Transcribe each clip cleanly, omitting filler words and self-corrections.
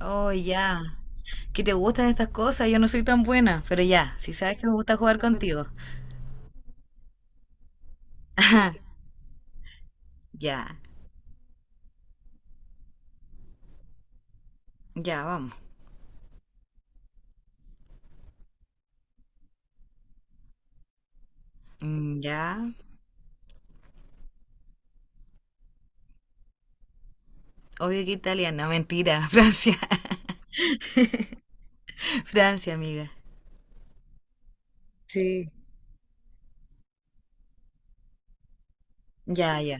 Oh, ya. ¿Qué te gustan estas cosas? Yo no soy tan buena, pero ya, si sabes que me gusta jugar contigo. Ya, ya, vamos. Ya. Obvio que italiana, mentira, Francia. Francia, amiga. Sí. Ya, ya.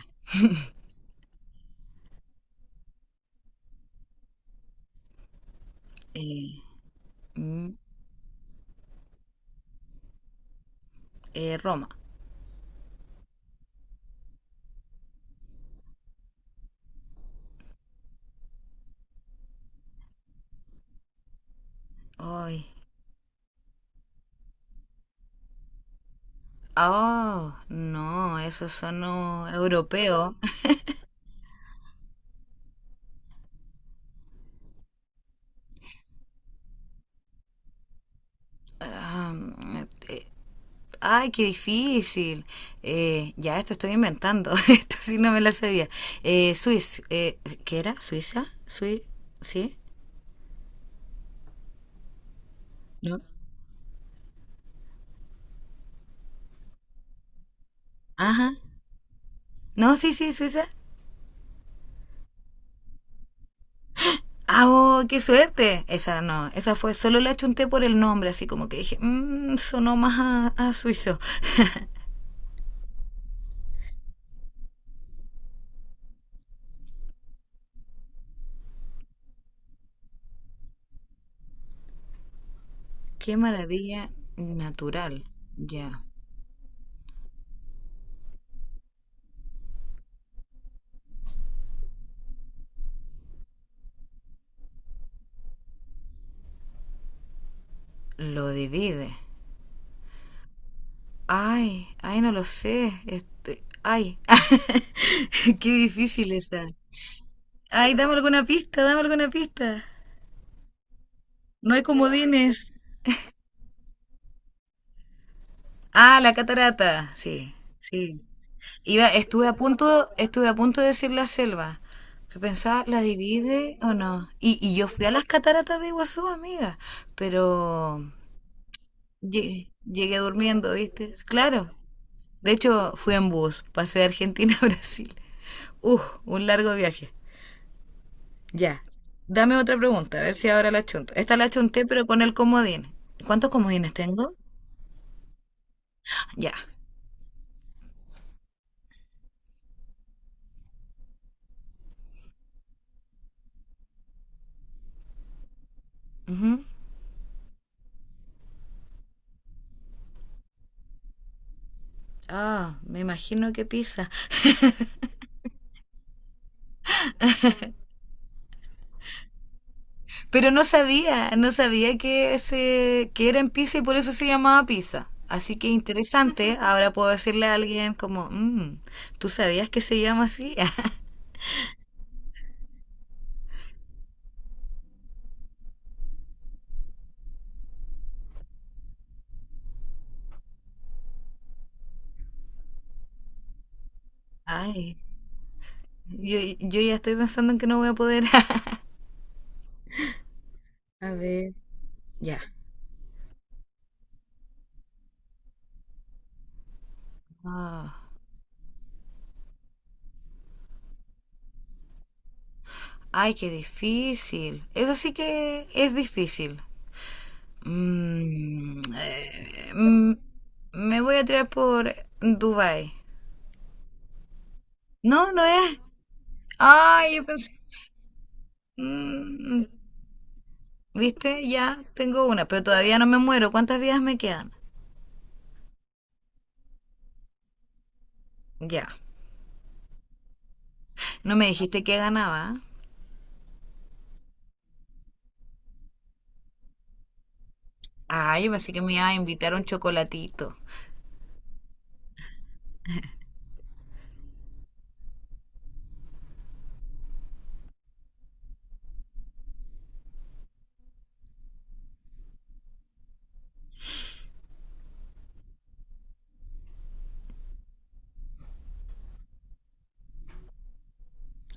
Eh, mm, Roma. Ay. Oh, no, esos son no, europeos. Ah, ay, qué difícil. Ya, esto estoy inventando. Esto sí no me la sabía. Suiz, ¿qué era? ¿Suiza? ¿Sui? ¿Sí? ¿No? Ajá. No, sí, sí, Suiza. ¡Ah, oh, qué suerte! Esa no, esa fue, solo la chunté por el nombre, así como que dije, mmm, sonó más a suizo. ¡Qué maravilla natural! Ya, lo divide. Ay, ay, no lo sé. Este, ay, qué difícil esa. Ay, dame alguna pista, dame alguna pista. No hay comodines. Ah, la catarata, sí, sí. Iba, estuve a punto de decir la selva. Yo pensaba, ¿la divide o no? Y yo fui a las cataratas de Iguazú, amiga, pero llegué durmiendo, ¿viste? Claro. De hecho, fui en bus, pasé de Argentina a Brasil. Uf, un largo viaje. Ya. Dame otra pregunta, a ver si ahora la chunto. Esta la chunté, pero con el comodín. ¿Cuántos comodines tengo? Ya. Ujú. Ah, oh, me imagino que Pisa. Pero no sabía que, ese, que era en Pisa y por eso se llamaba Pisa. Así que interesante, ahora puedo decirle a alguien como, "Mm, ¿tú sabías que se llama así?" Ay, yo ya estoy pensando en que no voy a poder. A ver, ya. Ah, ay, qué difícil. Eso sí que es difícil. Mm, eh, mm, me voy a tirar por Dubai. No, no es. Ay, yo pensé. Mm, ¿viste? Ya tengo una, pero todavía no me muero. ¿Cuántas vidas me quedan? Ya. No me dijiste que ganaba. Ah, yo pensé que me iba a invitar a un chocolatito.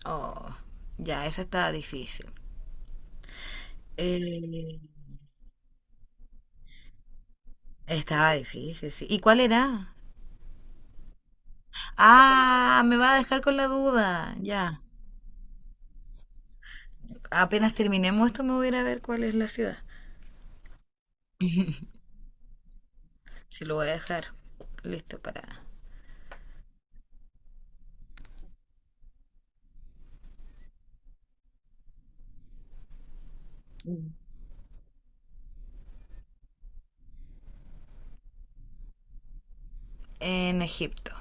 Oh, ya, esa estaba difícil. Eh, Estaba difícil, sí. ¿Y cuál era? Ah, me va a dejar con la duda. Ya. Apenas terminemos esto, me voy a ir a ver cuál es la ciudad. Si lo voy a dejar listo para... En Egipto.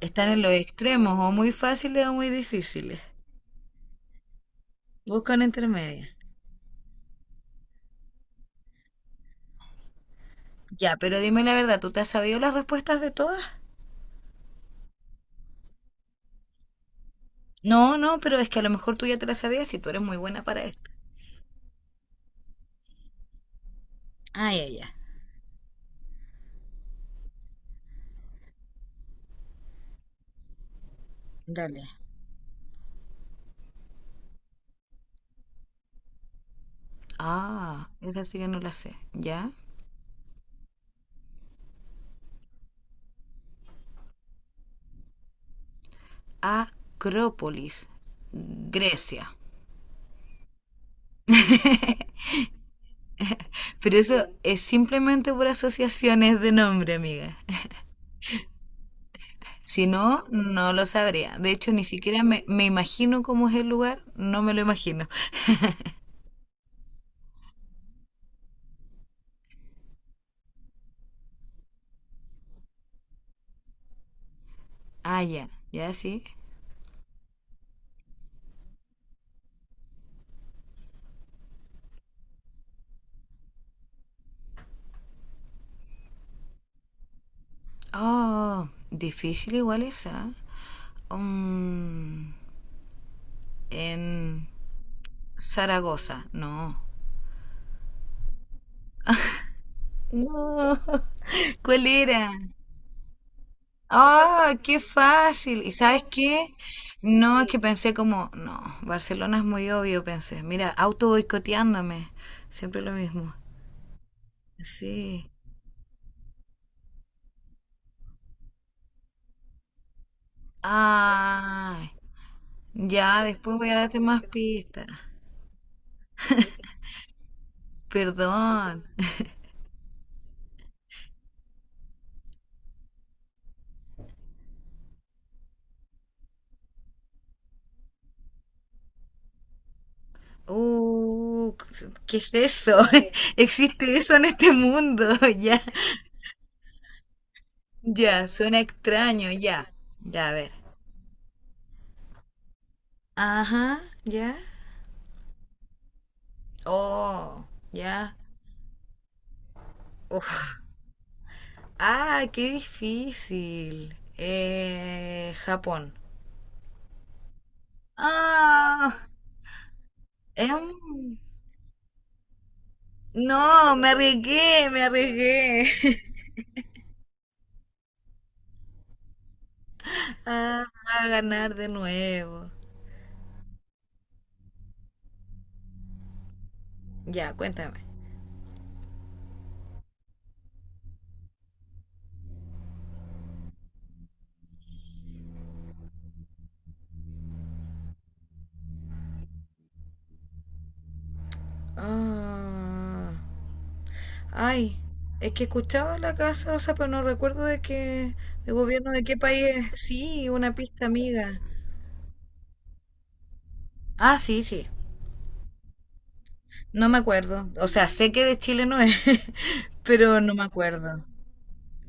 Están en los extremos, o muy fáciles o muy difíciles. Buscan intermedia. Ya, pero dime la verdad, ¿tú te has sabido las respuestas de todas? No, no, pero es que a lo mejor tú ya te las sabías y tú eres muy buena para esto. Ah, ya, ya. Dale. Ah, esa sí que no la sé. ¿Ya? Acrópolis, Grecia. Pero eso es simplemente por asociaciones de nombre, amiga. Si no, no lo sabría. De hecho, ni siquiera me imagino cómo es el lugar, no me lo imagino. Ah, ya, ya sí. Oh, difícil igual esa. Um, en Zaragoza, no. No. ¿Cuál era? Ah, qué fácil. ¿Y sabes qué? No, es que pensé como, no, Barcelona es muy obvio, pensé. Mira, auto boicoteándome. Siempre lo mismo. Sí. Ay, ya, después voy a darte más pistas. Perdón. Uh, ¿Qué es eso? ¿Existe eso en este mundo? Ya, ya, suena extraño, ya. Ya, a ver. Ajá, ya. Oh, ya. Uf. Ah, qué difícil. Japón. Ah, em, no, me arriesgué. Ah, a ganar de nuevo. Ya, cuéntame. Ah. Ay, es que escuchaba la Casa Rosa, pero no recuerdo de qué, de gobierno de qué país es. Sí, una pista amiga. Ah, sí, sí. No me acuerdo. O sea, sé que de Chile no es, pero no me acuerdo.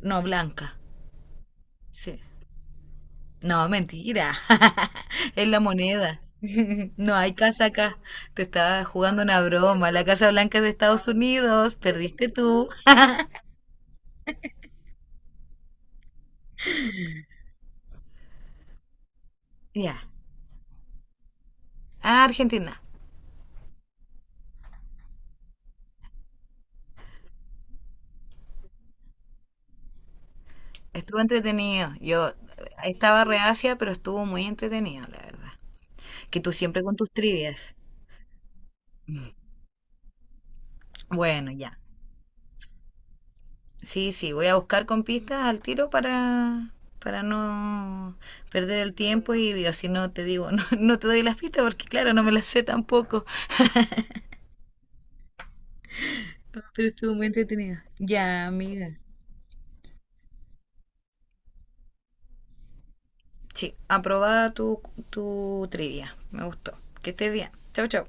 No, blanca. Sí. No, mentira. Es la moneda. No hay casa acá. Te estaba jugando una broma. La Casa Blanca es de Estados Unidos. Perdiste tú. Ya. Ah, Argentina. Estuvo entretenido. Yo estaba reacia, pero estuvo muy entretenido, la verdad. Que tú siempre con tus trivias. Bueno, ya. Sí, sí, voy a buscar con pistas al tiro para no perder el tiempo y digo, si no te digo, no, no te doy las pistas porque claro, no me las sé tampoco. Pero estuvo muy entretenido. Ya, amiga. Sí, aprobada tu trivia. Me gustó. Que estés bien. Chau, chau.